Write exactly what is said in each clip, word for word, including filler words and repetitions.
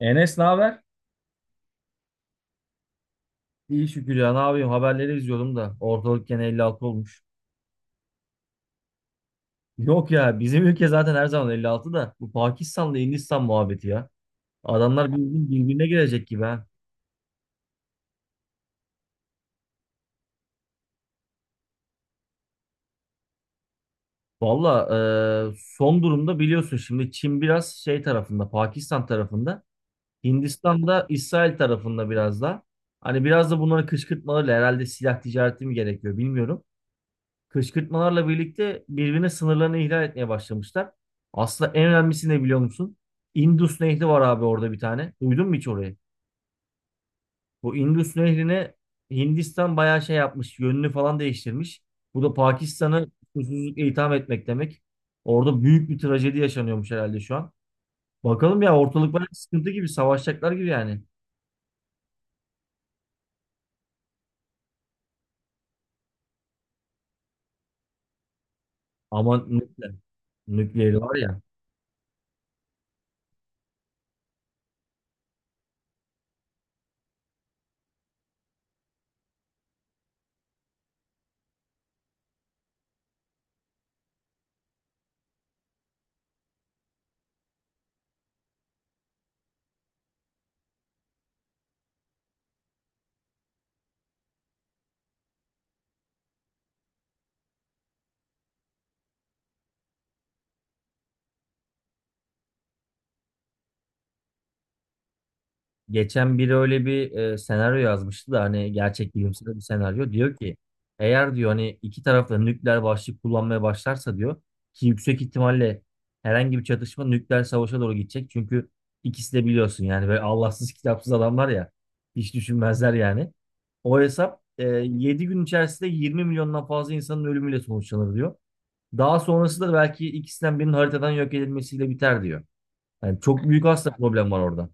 Enes ne haber? İyi şükür ya, ne yapayım, haberleri izliyordum da ortalık gene elli altı olmuş. Yok ya, bizim ülke zaten her zaman elli altı da bu Pakistan'la Hindistan muhabbeti ya. Adamlar birbirine, birbirine girecek gibi ha. Valla, e, son durumda biliyorsun şimdi Çin biraz şey tarafında, Pakistan tarafında, Hindistan da İsrail tarafında biraz da. Hani biraz da bunları kışkırtmalarıyla, herhalde silah ticareti mi gerekiyor bilmiyorum, kışkırtmalarla birlikte birbirine sınırlarını ihlal etmeye başlamışlar. Aslında en önemlisi ne biliyor musun? Indus Nehri var abi orada bir tane. Duydun mu hiç orayı? Bu Indus Nehri'ne Hindistan bayağı şey yapmış. Yönünü falan değiştirmiş. Bu da Pakistan'ı susuzlukla itham etmek demek. Orada büyük bir trajedi yaşanıyormuş herhalde şu an. Bakalım ya, ortalık bayağı sıkıntı gibi. Savaşacaklar gibi yani. Ama nükleer, nükleeri var ya. Geçen biri öyle bir e, senaryo yazmıştı da, hani gerçek bilimsel bir senaryo. Diyor ki eğer, diyor, hani iki taraf da nükleer başlık kullanmaya başlarsa, diyor ki yüksek ihtimalle herhangi bir çatışma nükleer savaşa doğru gidecek. Çünkü ikisi de biliyorsun yani, böyle Allahsız kitapsız adamlar ya, hiç düşünmezler yani. O hesap e, yedi gün içerisinde yirmi milyondan fazla insanın ölümüyle sonuçlanır diyor. Daha sonrası da belki ikisinden birinin haritadan yok edilmesiyle biter diyor. Yani çok büyük aslında problem var orada.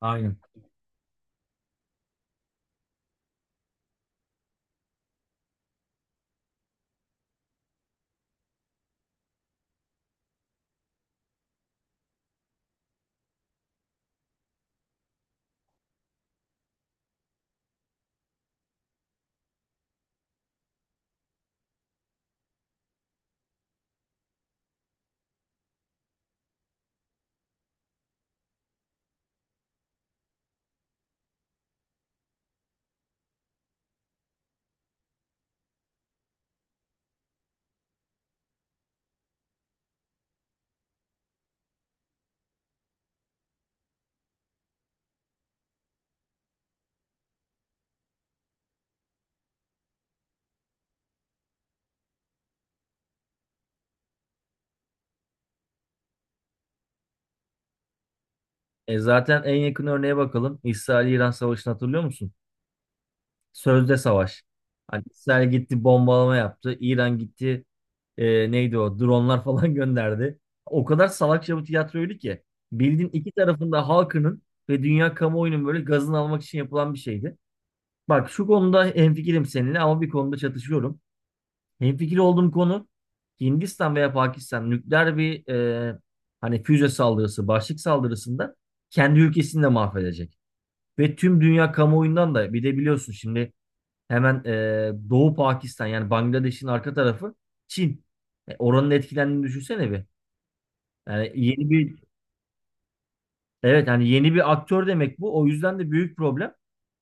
Aynen. E zaten en yakın örneğe bakalım. İsrail-İran savaşını hatırlıyor musun? Sözde savaş. Hani İsrail gitti bombalama yaptı. İran gitti, e, neydi o? Dronlar falan gönderdi. O kadar salakça bir tiyatroydu ki. Bildiğin iki tarafında halkının ve dünya kamuoyunun böyle gazını almak için yapılan bir şeydi. Bak şu konuda hemfikirim seninle, ama bir konuda çatışıyorum. Hemfikir olduğum konu, Hindistan veya Pakistan nükleer bir e, hani füze saldırısı, başlık saldırısında kendi ülkesini de mahvedecek. Ve tüm dünya kamuoyundan da, bir de biliyorsun şimdi, hemen e, Doğu Pakistan, yani Bangladeş'in arka tarafı Çin. E, oranın etkilendiğini düşünsene bir. Yani yeni bir. Evet, hani yeni bir aktör demek bu. O yüzden de büyük problem.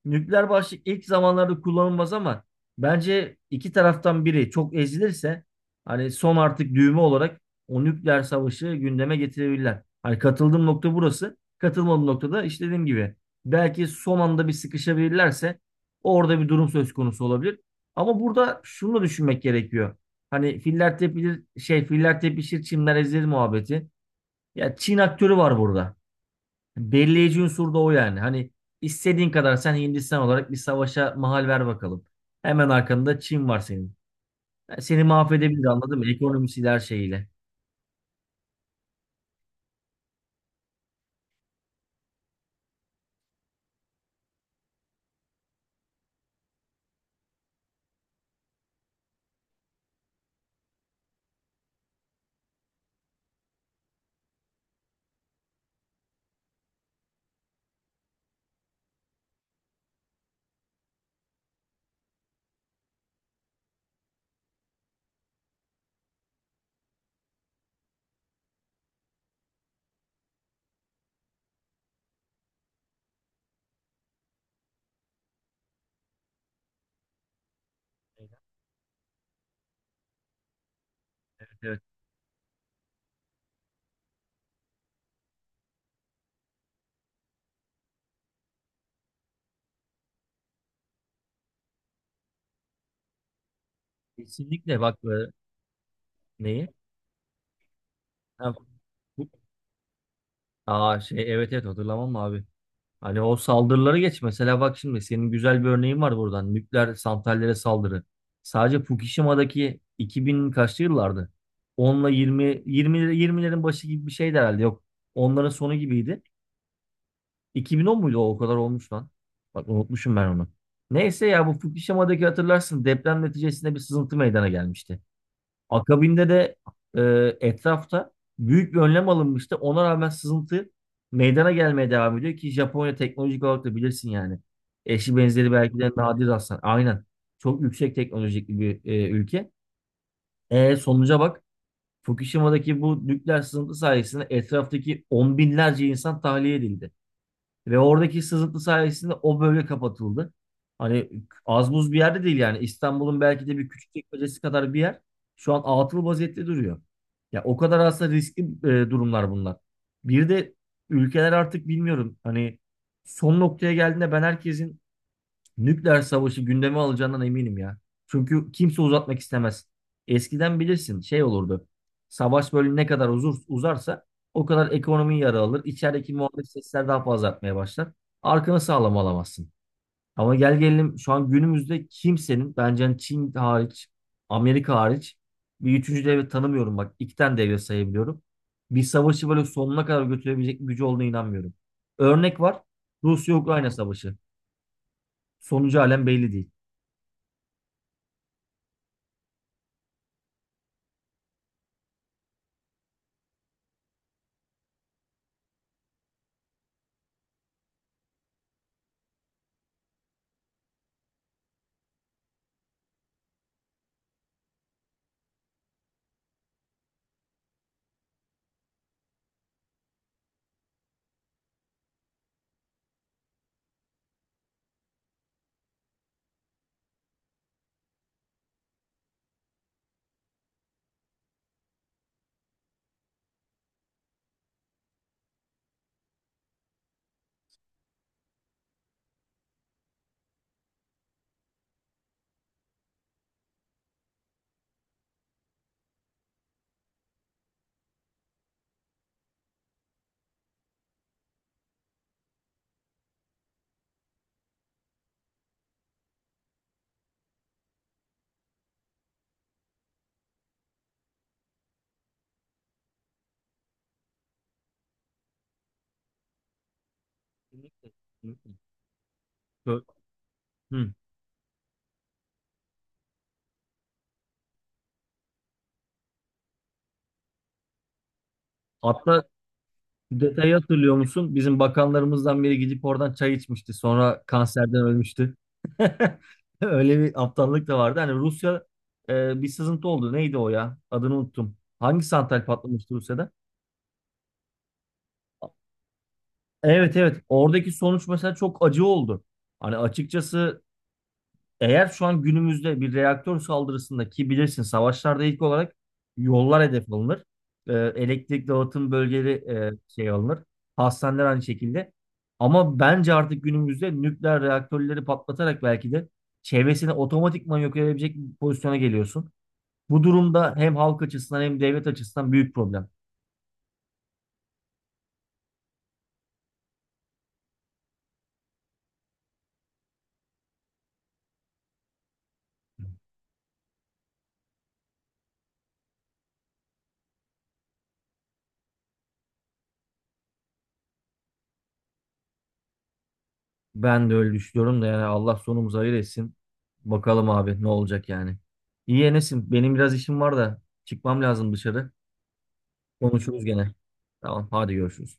Nükleer başlık ilk zamanlarda kullanılmaz, ama bence iki taraftan biri çok ezilirse, hani son artık düğme olarak, o nükleer savaşı gündeme getirebilirler. Hani katıldığım nokta burası. Katılmadığım noktada işte dediğim gibi, belki son anda bir sıkışabilirlerse orada bir durum söz konusu olabilir. Ama burada şunu da düşünmek gerekiyor. Hani filler tepilir, şey, filler tepişir çimler ezilir muhabbeti. Ya, Çin aktörü var burada. Belirleyici unsur da o yani. Hani istediğin kadar sen Hindistan olarak bir savaşa mahal ver bakalım. Hemen arkanda Çin var senin. Yani seni mahvedebilir, anladın mı? Ekonomisiyle, her şeyiyle. Evet. Kesinlikle, bak e, neyi? Ha, bu- Aa şey, evet, evet, hatırlamam mı abi. Hani o saldırıları geç, mesela bak şimdi senin güzel bir örneğin var buradan. Nükleer santrallere saldırı. Sadece Fukushima'daki iki bin kaçlı yıllardı? Onla 20 20 yirmilerin başı gibi bir şeydi herhalde. Yok, onların sonu gibiydi. iki bin on muydu o? O kadar olmuş lan. Bak unutmuşum ben onu. Neyse ya, bu Fukushima'daki, hatırlarsın, deprem neticesinde bir sızıntı meydana gelmişti. Akabinde de e, etrafta büyük bir önlem alınmıştı. Ona rağmen sızıntı meydana gelmeye devam ediyor, ki Japonya teknolojik olarak da bilirsin yani. Eşi benzeri belki de nadir rastlanan. Aynen. Çok yüksek teknolojik bir e, ülke. E, sonuca bak. Fukushima'daki bu nükleer sızıntı sayesinde etraftaki on binlerce insan tahliye edildi. Ve oradaki sızıntı sayesinde o bölge kapatıldı. Hani az buz bir yerde değil yani. İstanbul'un belki de bir küçük çekmecesi kadar bir yer. Şu an atıl vaziyette duruyor. Ya, o kadar aslında riskli e, durumlar bunlar. Bir de ülkeler artık bilmiyorum, hani son noktaya geldiğinde ben herkesin nükleer savaşı gündeme alacağından eminim ya. Çünkü kimse uzatmak istemez. Eskiden bilirsin şey olurdu. Savaş böyle ne kadar uzur, uzarsa o kadar ekonomi yara alır. İçerideki muhalif sesler daha fazla artmaya başlar. Arkanı sağlam alamazsın. Ama gel gelelim, şu an günümüzde kimsenin, bence, hani Çin hariç, Amerika hariç, bir üçüncü devlet tanımıyorum bak. İki tane devlet sayabiliyorum. Bir savaşı böyle sonuna kadar götürebilecek bir gücü olduğuna inanmıyorum. Örnek var. Rusya-Ukrayna savaşı. Sonucu halen belli değil. Kesinlikle, kesinlikle. Ö- Hı. Hatta detayı hatırlıyor musun? Bizim bakanlarımızdan biri gidip oradan çay içmişti. Sonra kanserden ölmüştü. Öyle bir aptallık da vardı. Hani Rusya e, bir sızıntı oldu. Neydi o ya? Adını unuttum. Hangi santral patlamıştı Rusya'da? Evet, evet. Oradaki sonuç mesela çok acı oldu. Hani açıkçası, eğer şu an günümüzde bir reaktör saldırısında, ki bilirsin savaşlarda ilk olarak yollar hedef alınır. Ee, elektrik dağıtım bölgeleri, e, şey alınır. Hastaneler aynı şekilde. Ama bence artık günümüzde nükleer reaktörleri patlatarak belki de çevresini otomatikman yok edebilecek bir pozisyona geliyorsun. Bu durumda hem halk açısından hem devlet açısından büyük problem. Ben de öyle düşünüyorum da, yani Allah sonumuzu hayır etsin. Bakalım abi ne olacak yani. İyi Enes'im, benim biraz işim var da çıkmam lazım dışarı. Konuşuruz gene. Tamam, hadi görüşürüz.